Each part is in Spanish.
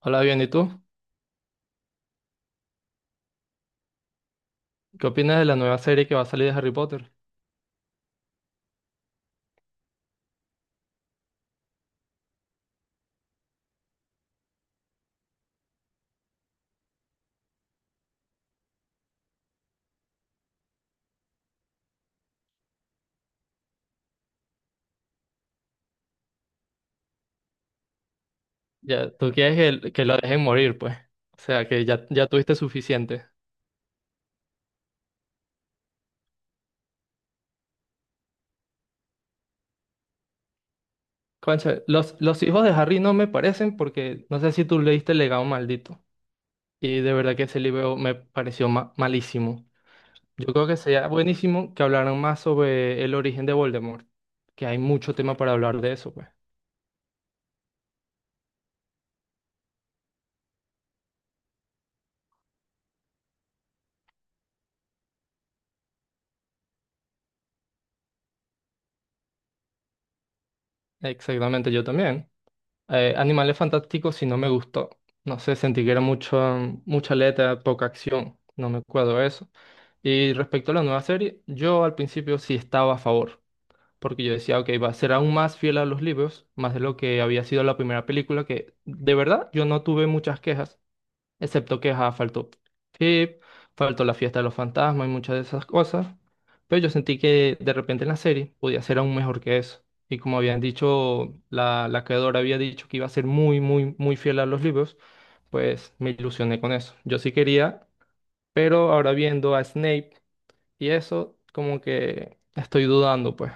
Hola, bien, ¿y tú? ¿Qué opinas de la nueva serie que va a salir de Harry Potter? Ya, tú quieres que, que lo dejen morir, pues. O sea, que ya, ya tuviste suficiente. Concha, los hijos de Harry no me parecen porque no sé si tú leíste El legado maldito. Y de verdad que ese libro me pareció malísimo. Yo creo que sería buenísimo que hablaran más sobre el origen de Voldemort, que hay mucho tema para hablar de eso, pues. Exactamente, yo también. Animales Fantásticos sí no me gustó. No sé, sentí que era mucha letra, poca acción. No me acuerdo de eso. Y respecto a la nueva serie, yo al principio sí estaba a favor. Porque yo decía, ok, va a ser aún más fiel a los libros, más de lo que había sido la primera película, que de verdad yo no tuve muchas quejas. Excepto que ajá, faltó FIP, faltó la fiesta de los fantasmas y muchas de esas cosas. Pero yo sentí que de repente en la serie podía ser aún mejor que eso. Y como habían dicho, la creadora había dicho que iba a ser muy, muy, muy fiel a los libros, pues me ilusioné con eso. Yo sí quería, pero ahora viendo a Snape y eso, como que estoy dudando, pues.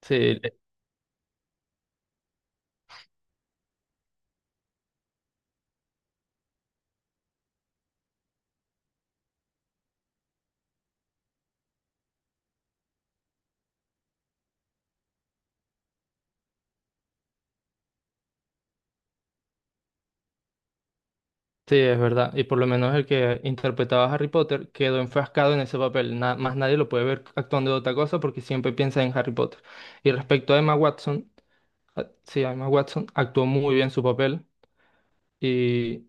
Sí, sí, es verdad. Y por lo menos el que interpretaba a Harry Potter quedó enfrascado en ese papel. Más nadie lo puede ver actuando de otra cosa porque siempre piensa en Harry Potter. Y respecto a Emma Watson, sí, a Emma Watson actuó muy bien su papel y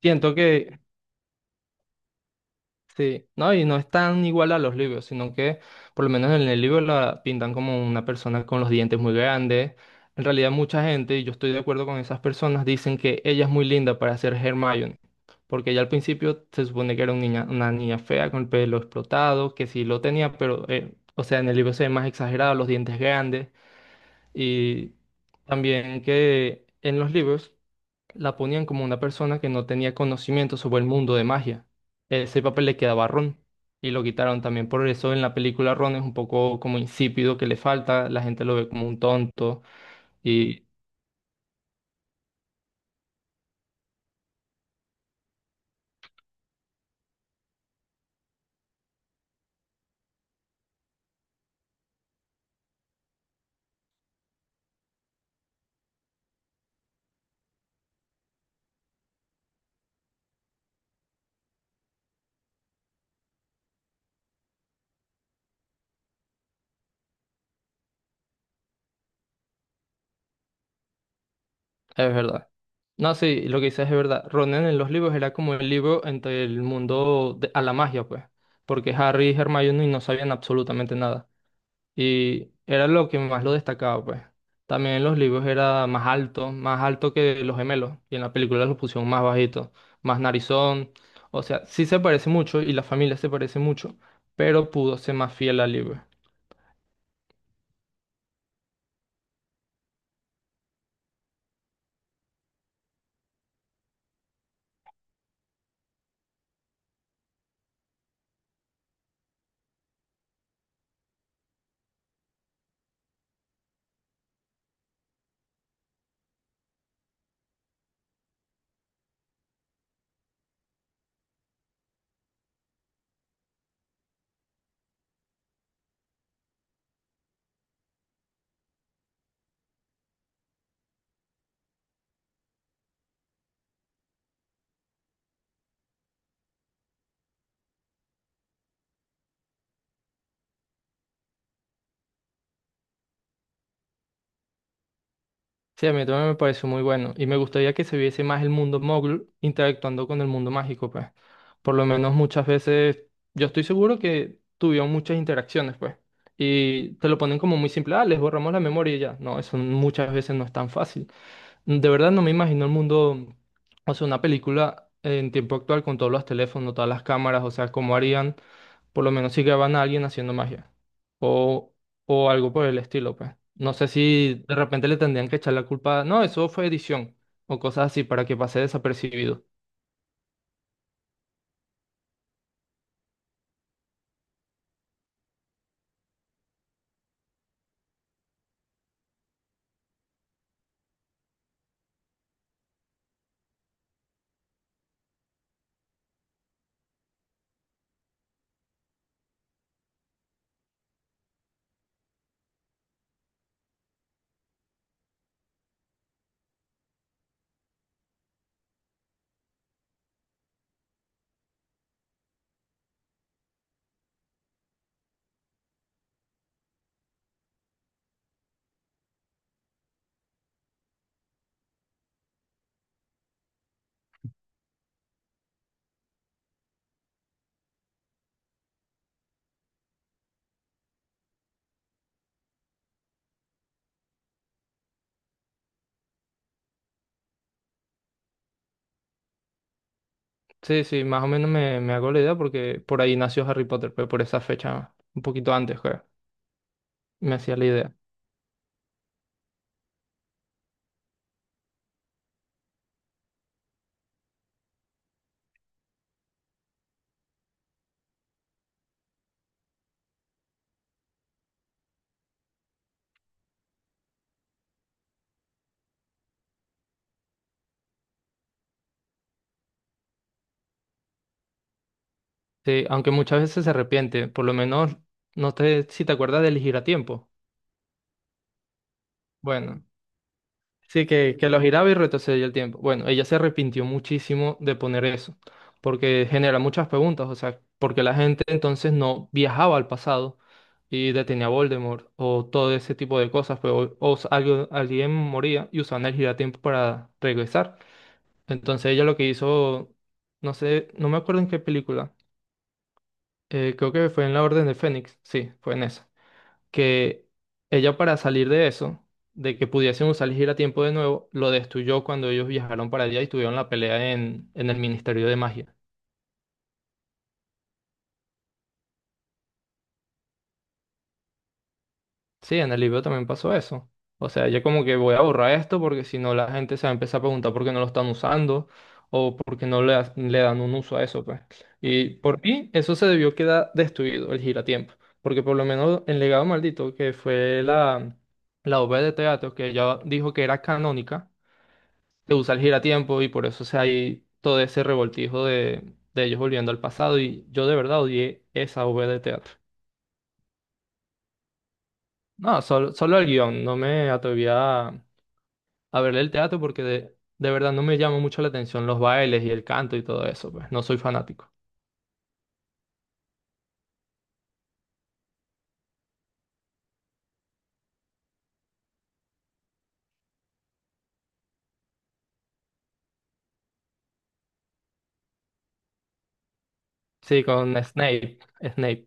siento que sí, no, y no es tan igual a los libros, sino que por lo menos en el libro la pintan como una persona con los dientes muy grandes. En realidad mucha gente, y yo estoy de acuerdo con esas personas, dicen que ella es muy linda para ser Hermione, porque ella al principio se supone que era una niña fea con el pelo explotado, que sí lo tenía, pero, o sea, en el libro se ve más exagerado, los dientes grandes, y también que en los libros la ponían como una persona que no tenía conocimiento sobre el mundo de magia. Ese papel le quedaba a Ron y lo quitaron también. Por eso en la película Ron es un poco como insípido, que le falta, la gente lo ve como un tonto y es verdad. No, sí, lo que dices es verdad. Ron en los libros era como el libro entre el mundo a la magia, pues, porque Harry y Hermione no sabían absolutamente nada. Y era lo que más lo destacaba, pues. También en los libros era más alto que los gemelos. Y en la película lo pusieron más bajito, más narizón. O sea, sí se parece mucho y la familia se parece mucho, pero pudo ser más fiel al libro. Sí, a mí también me pareció muy bueno. Y me gustaría que se viese más el mundo mogul interactuando con el mundo mágico, pues. Por lo menos muchas veces, yo estoy seguro que tuvieron muchas interacciones, pues. Y te lo ponen como muy simple, ah, les borramos la memoria y ya. No, eso muchas veces no es tan fácil. De verdad no me imagino el mundo, o sea, una película en tiempo actual con todos los teléfonos, todas las cámaras, o sea, cómo harían, por lo menos si graban a alguien haciendo magia o, o algo por el estilo, pues. No sé si de repente le tendrían que echar la culpa, no, eso fue edición o cosas así para que pase desapercibido. Sí, sí, más o menos me hago la idea porque por ahí nació Harry Potter, pero por esa fecha, un poquito antes, pues, me hacía la idea. Sí, aunque muchas veces se arrepiente, por lo menos no te, si te acuerdas de elegir a tiempo. Bueno, sí, que lo giraba y retrocedía el tiempo. Bueno, ella se arrepintió muchísimo de poner eso, porque genera muchas preguntas, o sea, porque la gente entonces no viajaba al pasado y detenía a Voldemort o todo ese tipo de cosas, pero alguien moría y usaban el giratiempo para regresar. Entonces ella lo que hizo, no sé, no me acuerdo en qué película, creo que fue en La Orden de Fénix, sí, fue en esa que ella para salir de eso, de que pudiesen usar el giratiempo de nuevo, lo destruyó cuando ellos viajaron para allá y tuvieron la pelea en el Ministerio de Magia. Sí, en el libro también pasó eso. O sea, ella como que voy a borrar esto porque si no la gente se va a empezar a preguntar por qué no lo están usando o por qué no le dan un uso a eso, pues. Y por mí, eso se debió quedar destruido, el giratiempo. Porque por lo menos el legado maldito, que fue la obra de teatro que ella dijo que era canónica, que usa el giratiempo y por eso se hay todo ese revoltijo de ellos volviendo al pasado y yo de verdad odié esa V de teatro. No, solo el guión, no me atrevía a verle el teatro porque de verdad no me llama mucho la atención los bailes y el canto y todo eso, pues no soy fanático. Sí, con Snape, Snape.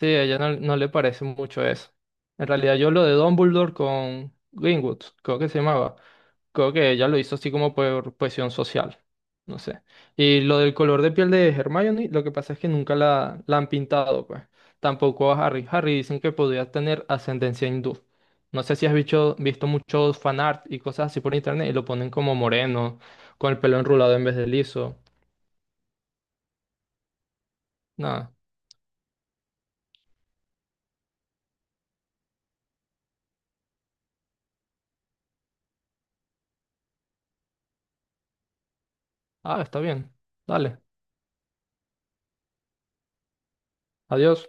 Sí, a ella no, no le parece mucho eso. En realidad yo lo de Dumbledore con Greenwood, creo que se llamaba, creo que ella lo hizo así como por presión social, no sé. Y lo del color de piel de Hermione, lo que pasa es que nunca la han pintado, pues. Tampoco a Harry. Harry dicen que podría tener ascendencia hindú. No sé si has visto muchos fanart y cosas así por internet y lo ponen como moreno, con el pelo enrulado en vez de liso. Nada. Ah, está bien. Dale. Adiós.